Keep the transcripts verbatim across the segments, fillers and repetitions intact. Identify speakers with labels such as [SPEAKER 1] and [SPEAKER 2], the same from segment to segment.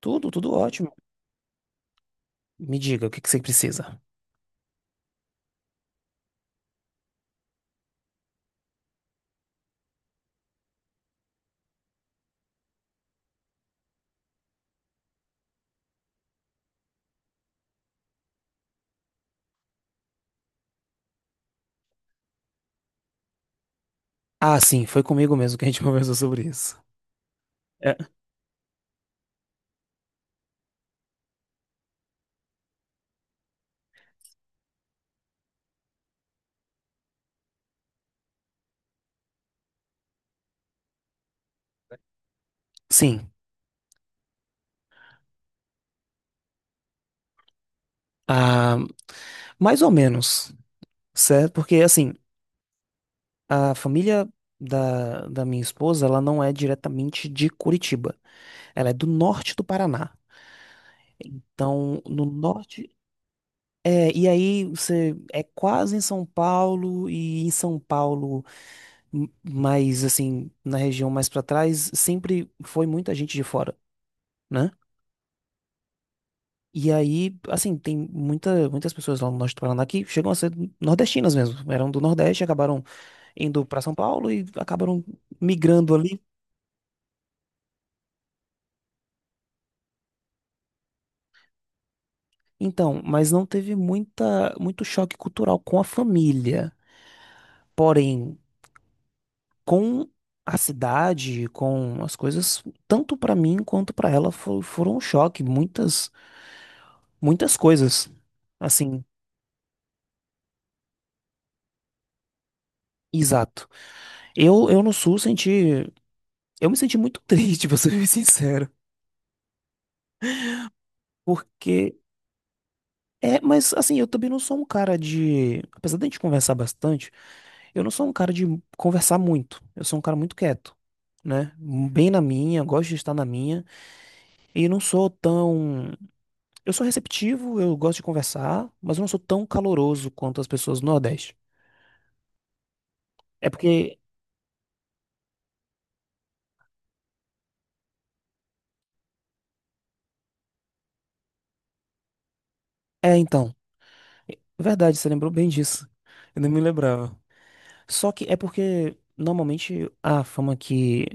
[SPEAKER 1] Tudo, tudo ótimo. Me diga, o que que você precisa? Ah, sim, foi comigo mesmo que a gente conversou sobre isso. É, sim. Ah, mais ou menos, certo? Porque, assim, a família da, da minha esposa, ela não é diretamente de Curitiba. Ela é do norte do Paraná. Então, no norte. É, e aí você é quase em São Paulo e em São Paulo, m- mas assim, na região mais pra trás, sempre foi muita gente de fora, né? E aí, assim, tem muita, muitas pessoas lá no norte do Paraná que chegam a ser nordestinas mesmo. Eram do Nordeste, acabaram indo pra São Paulo e acabaram migrando ali. Então, mas não teve muita, muito choque cultural com a família. Porém, com a cidade, com as coisas, tanto pra mim quanto pra ela fo- foram um choque, muitas muitas coisas. Assim, exato. Eu eu no sul senti, eu me senti muito triste, pra ser bem sincero, porque é, mas assim, eu também não sou um cara de, apesar de a gente conversar bastante, eu não sou um cara de conversar muito. Eu sou um cara muito quieto, né? Bem na minha, gosto de estar na minha. E não sou tão. Eu sou receptivo, eu gosto de conversar, mas eu não sou tão caloroso quanto as pessoas do Nordeste. É porque. É, então. É verdade, você lembrou bem disso. Eu não me lembrava. Só que é porque, normalmente, a fama que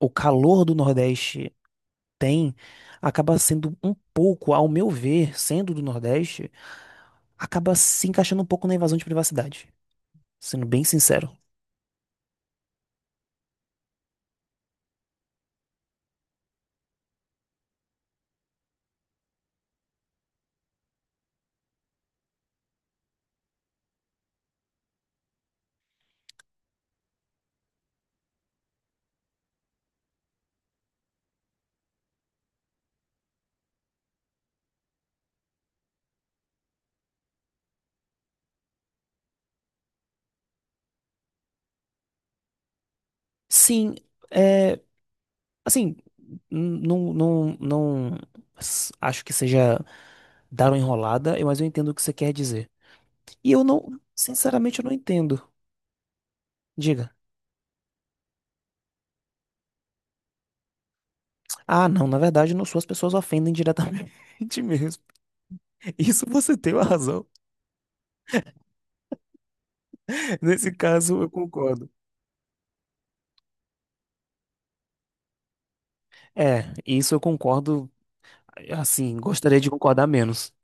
[SPEAKER 1] o calor do Nordeste tem acaba sendo um pouco, ao meu ver, sendo do Nordeste, acaba se encaixando um pouco na invasão de privacidade. Sendo bem sincero. Sim, é. Assim, não, não, não s- acho que seja dar uma enrolada, eu- mas eu entendo o que você quer dizer. E eu não, sinceramente, eu não entendo. Diga. Ah, não, na verdade, não sou, as pessoas ofendem diretamente mesmo. Isso você tem uma razão. Nesse caso, eu concordo. É, isso eu concordo, assim, gostaria de concordar menos.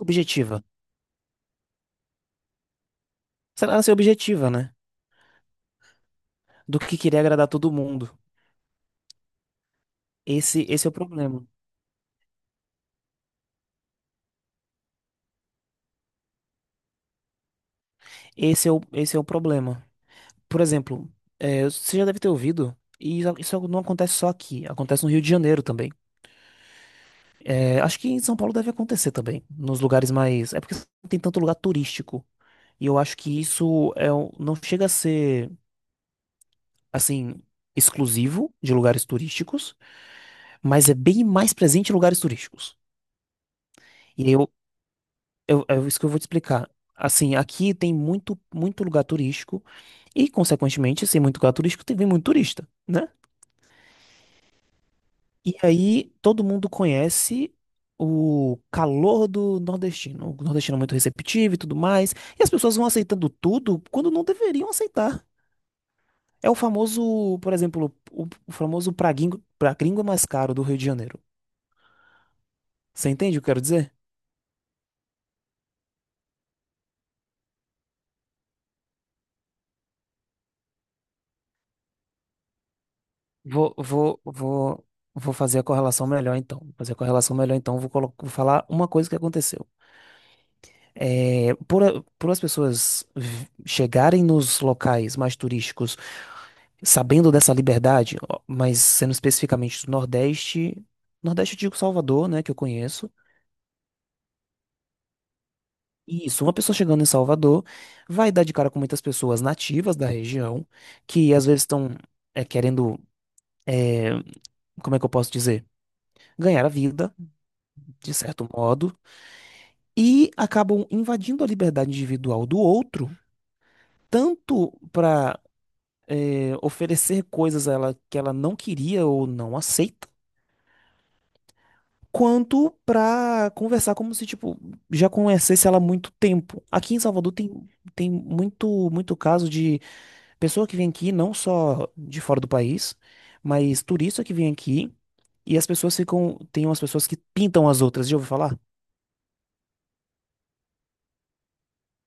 [SPEAKER 1] Objetiva. Será ser objetiva, né? Do que querer agradar todo mundo. Esse, esse é o problema. Esse é o, esse é o problema. Por exemplo, é, você já deve ter ouvido, e isso isso não acontece só aqui, acontece no Rio de Janeiro também. É, acho que em São Paulo deve acontecer também, nos lugares mais. É porque não tem tanto lugar turístico. E eu acho que isso é, um- não chega a ser, assim, exclusivo de lugares turísticos, mas é bem mais presente em lugares turísticos. E aí eu, eu, é isso que eu vou te explicar. Assim, aqui tem muito, muito lugar turístico, e, consequentemente, sem muito lugar turístico, tem vem muito turista, né? E aí todo mundo conhece o calor do nordestino. O nordestino é muito receptivo e tudo mais. E as pessoas vão aceitando tudo quando não deveriam aceitar. É o famoso, por exemplo, o, o famoso pra gringo, pra gringo é mais caro do Rio de Janeiro. Você entende o que eu quero dizer? Vou, vou, vou, vou fazer a correlação melhor então. Vou fazer a correlação melhor então. Vou, colo- vou falar uma coisa que aconteceu. É, por, a- por as pessoas v- chegarem nos locais mais turísticos sabendo dessa liberdade, ó, mas sendo especificamente do Nordeste, Nordeste eu digo Salvador, né, que eu conheço. E isso, uma pessoa chegando em Salvador vai dar de cara com muitas pessoas nativas da região que às vezes estão é, querendo, é, como é que eu posso dizer, ganhar a vida, de certo modo, e acabam invadindo a liberdade individual do outro, tanto para oferecer coisas a ela que ela não queria ou não aceita quanto pra conversar como se, tipo, já conhecesse ela há muito tempo. Aqui em Salvador tem, tem muito, muito caso de pessoa que vem aqui, não só de fora do país, mas turista que vem aqui e as pessoas ficam. Tem umas pessoas que pintam as outras, já ouviu falar?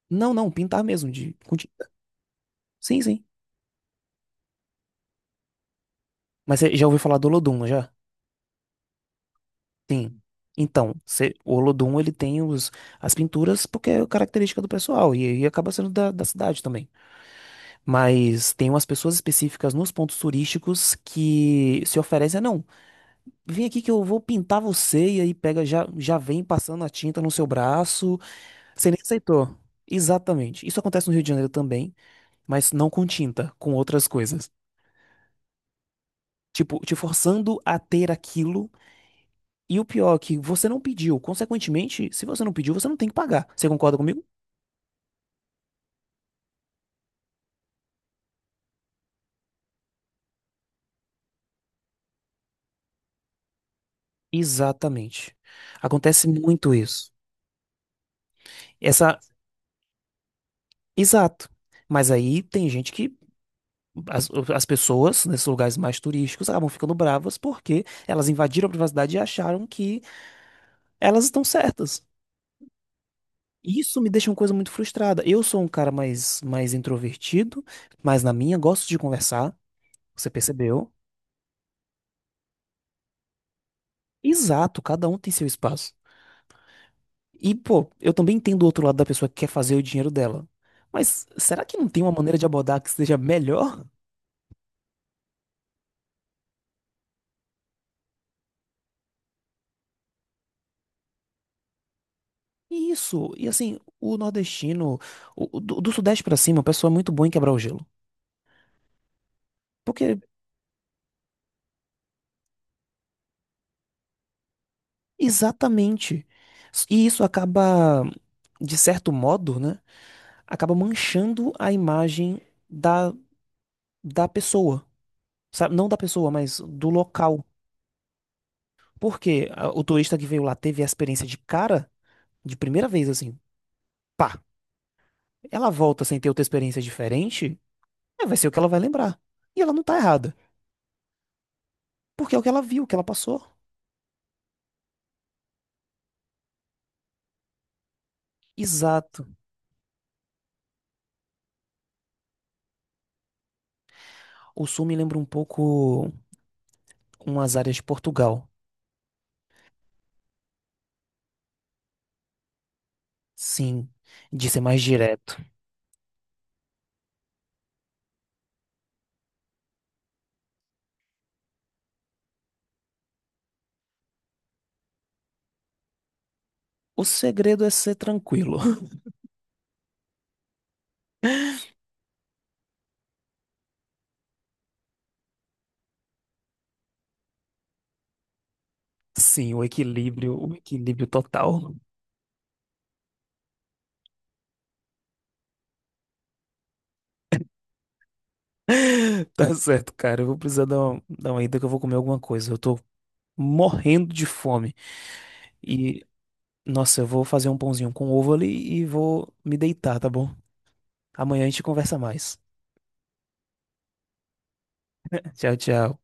[SPEAKER 1] Não, não, pintar mesmo, de, com tinta. Sim, sim. Mas você já ouviu falar do Olodum, não já? Sim. Então, cê- o Olodum, ele tem os, as pinturas porque é característica do pessoal e, e acaba sendo da da cidade também. Mas tem umas pessoas específicas nos pontos turísticos que se oferecem, "Ah, não, vem aqui que eu vou pintar você", e aí pega, já, já vem passando a tinta no seu braço. Você nem aceitou. Exatamente. Isso acontece no Rio de Janeiro também, mas não com tinta, com outras coisas. Tipo, te forçando a ter aquilo. E o pior é que você não pediu. Consequentemente, se você não pediu, você não tem que pagar. Você concorda comigo? Exatamente. Acontece muito isso. Essa. Exato. Mas aí tem gente que. As, as pessoas nesses lugares mais turísticos acabam ficando bravas porque elas invadiram a privacidade e acharam que elas estão certas. Isso me deixa uma coisa muito frustrada. Eu sou um cara mais, mais introvertido, mas na minha gosto de conversar, você percebeu? Exato, cada um tem seu espaço. E, pô, eu também entendo o outro lado da pessoa que quer fazer o dinheiro dela. Mas será que não tem uma maneira de abordar que seja melhor? Isso, e assim, o nordestino, o- o do, do sudeste pra cima, o pessoal é muito bom em quebrar o gelo. Porque. Exatamente. E isso acaba, de certo modo, né? Acaba manchando a imagem da, da pessoa. Sabe? Não da pessoa, mas do local. Porque a- o turista que veio lá teve a experiência de cara, de primeira vez, assim, pá, ela volta sem ter outra experiência diferente, é, vai ser o que ela vai lembrar. E ela não tá errada. Porque é o que ela viu, o que ela passou. Exato. O sul me lembra um pouco umas áreas de Portugal. Sim, de ser mais direto. O segredo é ser tranquilo. Sim, o equilíbrio, o equilíbrio total. Tá certo, cara. Eu vou precisar dar uma, dar uma ida que eu vou comer alguma coisa. Eu tô morrendo de fome. E, nossa, eu vou fazer um pãozinho com ovo ali e vou me deitar, tá bom? Amanhã a gente conversa mais. Tchau, tchau.